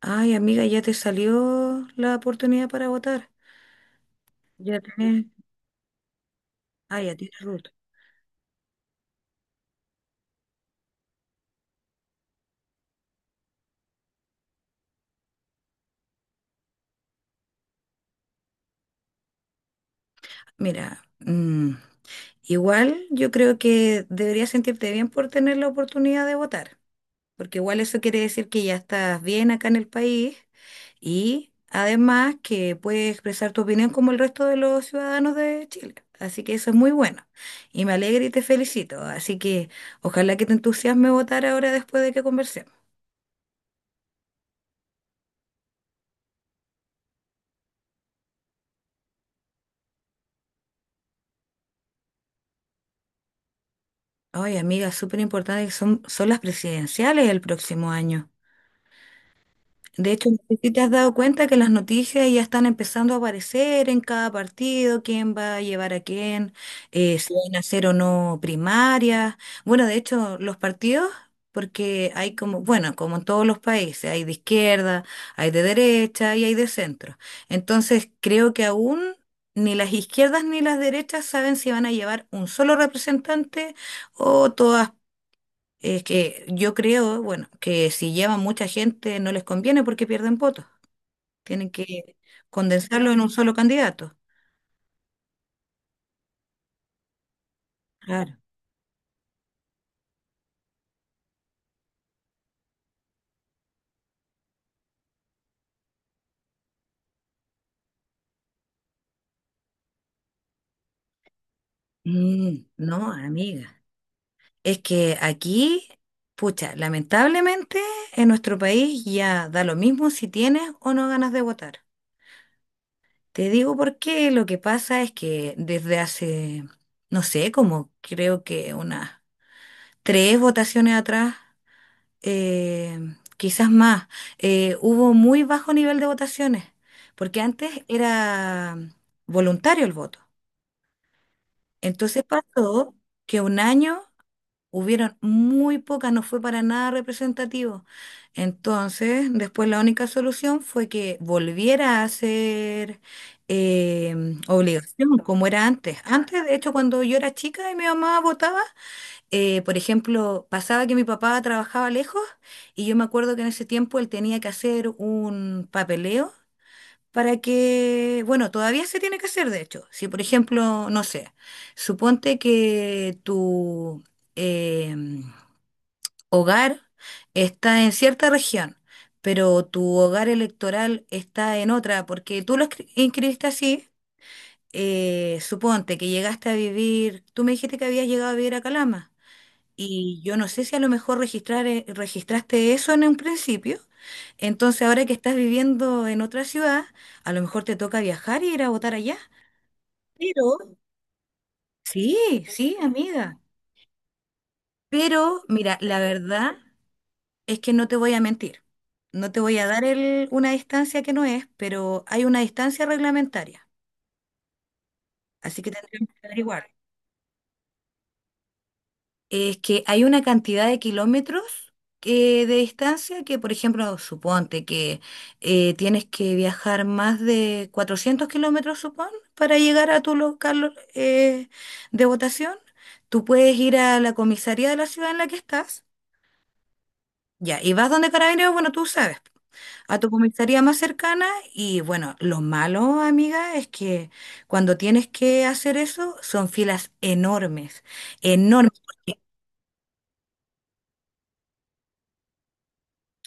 Ay, amiga, ya te salió la oportunidad para votar. Ya tienes, ya tienes ruta. Mira, igual yo creo que deberías sentirte bien por tener la oportunidad de votar, porque igual eso quiere decir que ya estás bien acá en el país y además que puedes expresar tu opinión como el resto de los ciudadanos de Chile. Así que eso es muy bueno y me alegra y te felicito. Así que ojalá que te entusiasme votar ahora después de que conversemos. Ay, amiga, súper importante que son las presidenciales el próximo año. De hecho, no sé si te has dado cuenta que las noticias ya están empezando a aparecer en cada partido, quién va a llevar a quién, si van a hacer o no primarias. Bueno, de hecho, los partidos, porque hay como, bueno, como en todos los países, hay de izquierda, hay de derecha y hay de centro. Entonces, creo que aún ni las izquierdas ni las derechas saben si van a llevar un solo representante o todas, es que yo creo, bueno, que si llevan mucha gente no les conviene porque pierden votos. Tienen que condensarlo en un solo candidato. Claro. No, amiga. Es que aquí, pucha, lamentablemente en nuestro país ya da lo mismo si tienes o no ganas de votar. Te digo por qué. Lo que pasa es que desde hace, no sé, como creo que unas tres votaciones atrás, eh, quizás más, hubo muy bajo nivel de votaciones, porque antes era voluntario el voto. Entonces pasó que un año hubieron muy pocas, no fue para nada representativo. Entonces, después la única solución fue que volviera a ser eh, obligación, como era antes. Antes, de hecho, cuando yo era chica y mi mamá votaba, por ejemplo, pasaba que mi papá trabajaba lejos y yo me acuerdo que en ese tiempo él tenía que hacer un papeleo para que, bueno, todavía se tiene que hacer, de hecho. Si, por ejemplo, no sé, suponte que tu eh, hogar está en cierta región, pero tu hogar electoral está en otra, porque tú lo inscribiste así. Suponte que llegaste a vivir, tú me dijiste que habías llegado a vivir a Calama. Y yo no sé si a lo mejor registraste eso en un principio. Entonces, ahora que estás viviendo en otra ciudad, a lo mejor te toca viajar y ir a votar allá. Pero, sí, sí, amiga. Pero, mira, la verdad es que no te voy a mentir. No te voy a dar una distancia que no es, pero hay una distancia reglamentaria. Así que tendríamos que averiguar. Es que hay una cantidad de kilómetros que- de distancia que, por ejemplo, suponte que tienes que viajar más de 400 kilómetros, supón, para llegar a tu local de votación. Tú puedes ir a la comisaría de la ciudad en la que estás, ya, y vas donde Carabineros, bueno, tú sabes, a tu comisaría más cercana. Y bueno, lo malo, amiga, es que cuando tienes que hacer eso, son filas enormes, enormes.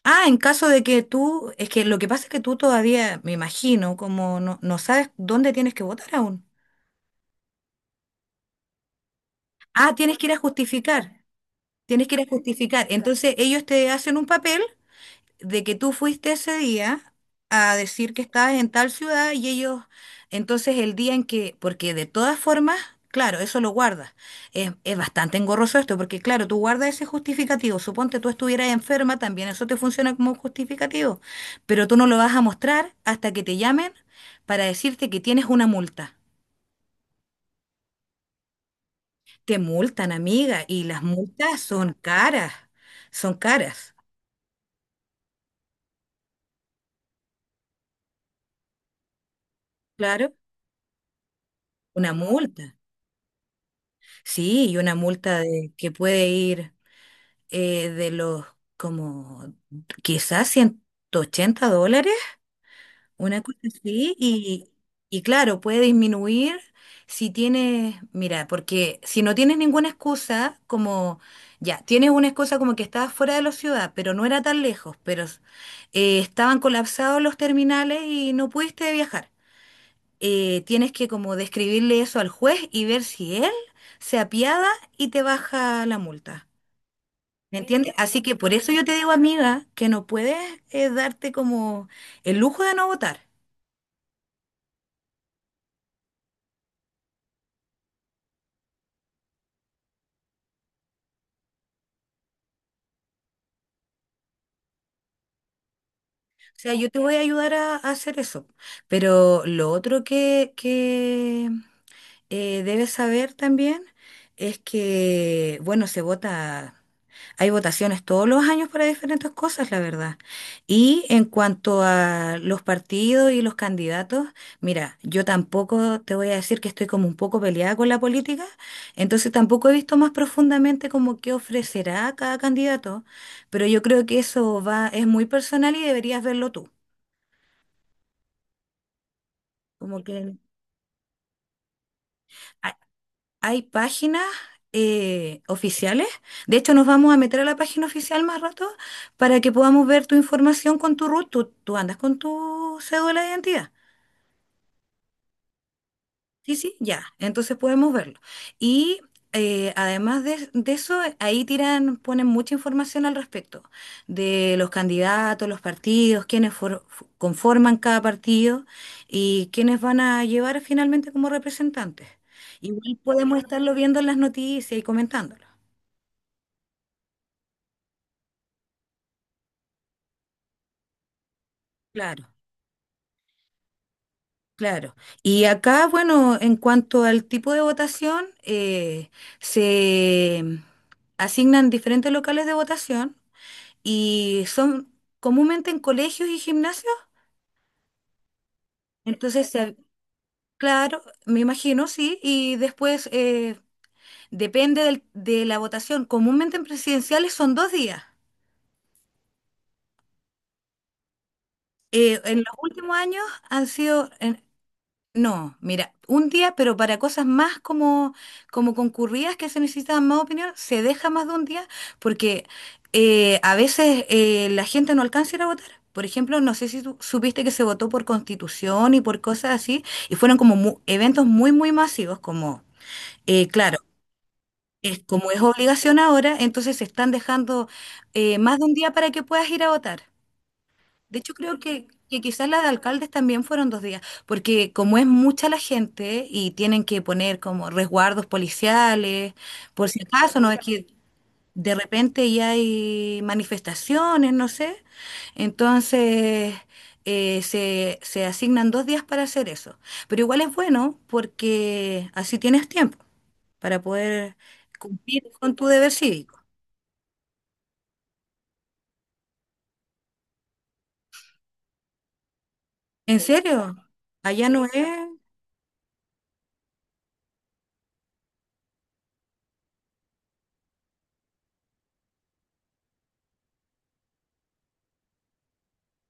Ah, en caso de que tú, es que lo que pasa es que tú todavía, me imagino, como no, no sabes dónde tienes que votar aún. Ah, tienes que ir a justificar, tienes que ir a justificar. Entonces ellos te hacen un papel de que tú fuiste ese día a decir que estabas en tal ciudad y ellos, entonces el día en que, porque de todas formas, claro, eso lo guardas. Es bastante engorroso esto, porque claro, tú guardas ese justificativo. Suponte tú estuvieras enferma, también eso te funciona como un justificativo, pero tú no lo vas a mostrar hasta que te llamen para decirte que tienes una multa. Te multan, amiga, y las multas son caras, claro, una multa. Sí, y una multa de, que puede ir de los, como quizás, $180, una cosa así, y claro, puede disminuir si tienes, mira, porque si no tienes ninguna excusa, como ya, tienes una excusa como que estabas fuera de la ciudad, pero no era tan lejos, pero estaban colapsados los terminales y no pudiste viajar, tienes que como describirle eso al juez y ver si él se apiada y te baja la multa. ¿Me entiendes? Así que por eso yo te digo, amiga, que no puedes darte como el lujo de no votar. O sea, yo te voy a ayudar a hacer eso. Pero lo otro que debes saber también es que, bueno, se vota. Hay votaciones todos los años para diferentes cosas, la verdad. Y en cuanto a los partidos y los candidatos, mira, yo tampoco te voy a decir, que estoy como un poco peleada con la política, entonces tampoco he visto más profundamente como qué ofrecerá cada candidato, pero yo creo que eso va, es muy personal y deberías verlo tú. Como que hay páginas oficiales. De hecho, nos vamos a meter a la página oficial más rato para que podamos ver tu información con tu RUT. Tú andas con tu cédula de identidad. Sí, sí, ya. Entonces podemos verlo. Y además de eso, ahí tiran, ponen mucha información al respecto de los candidatos, los partidos, quiénes conforman cada partido y quiénes van a llevar finalmente como representantes. Igual podemos estarlo viendo en las noticias y comentándolo. Claro, claro. Y acá, bueno, en cuanto al tipo de votación, se asignan diferentes locales de votación y son comúnmente en colegios y gimnasios. Entonces, claro, me imagino, sí. Y después, depende de la votación. Comúnmente en presidenciales son 2 días. En los últimos años han sido, no, mira, un día, pero para cosas más como concurridas, que se necesitan más opinión, se deja más de un día porque a veces la gente no alcanza a ir a votar. Por ejemplo, no sé si tú supiste que se votó por constitución y por cosas así, y fueron como eventos muy, muy masivos, como, claro, es, como es obligación ahora, entonces se están dejando, más de un día para que puedas ir a votar. De hecho, creo que quizás la de alcaldes también fueron 2 días, porque como es mucha la gente y tienen que poner como resguardos policiales, por si acaso, no es que de repente ya hay manifestaciones, no sé, entonces se asignan 2 días para hacer eso. Pero igual es bueno porque así tienes tiempo para poder cumplir con tu deber cívico. ¿En serio? Allá no es.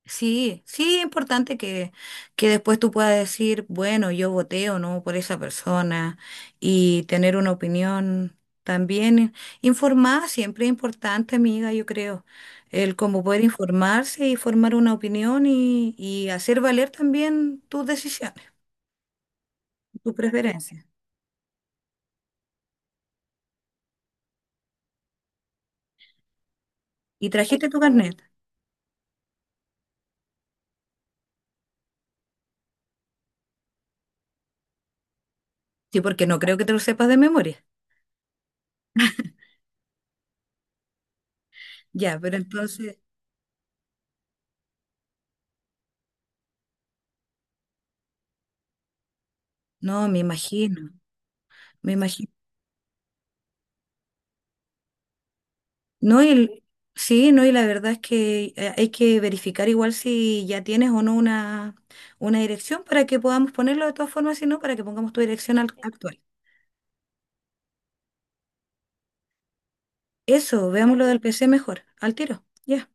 Sí, sí, es importante que después tú puedas decir, bueno, yo voté o no por esa persona y tener una opinión también informada, siempre es importante, amiga, yo creo, el cómo poder informarse y formar una opinión, y hacer valer también tus decisiones, tus preferencias. ¿Y trajiste tu carnet? Sí, porque no creo que te lo sepas de memoria. Ya, pero entonces, no, me imagino, me imagino. No, y, sí, no, y la verdad es que hay que verificar igual si ya tienes o no una, dirección para que podamos ponerlo de todas formas, si no, para que pongamos tu dirección actual. Eso, veamos lo del PC mejor, al tiro. Ya.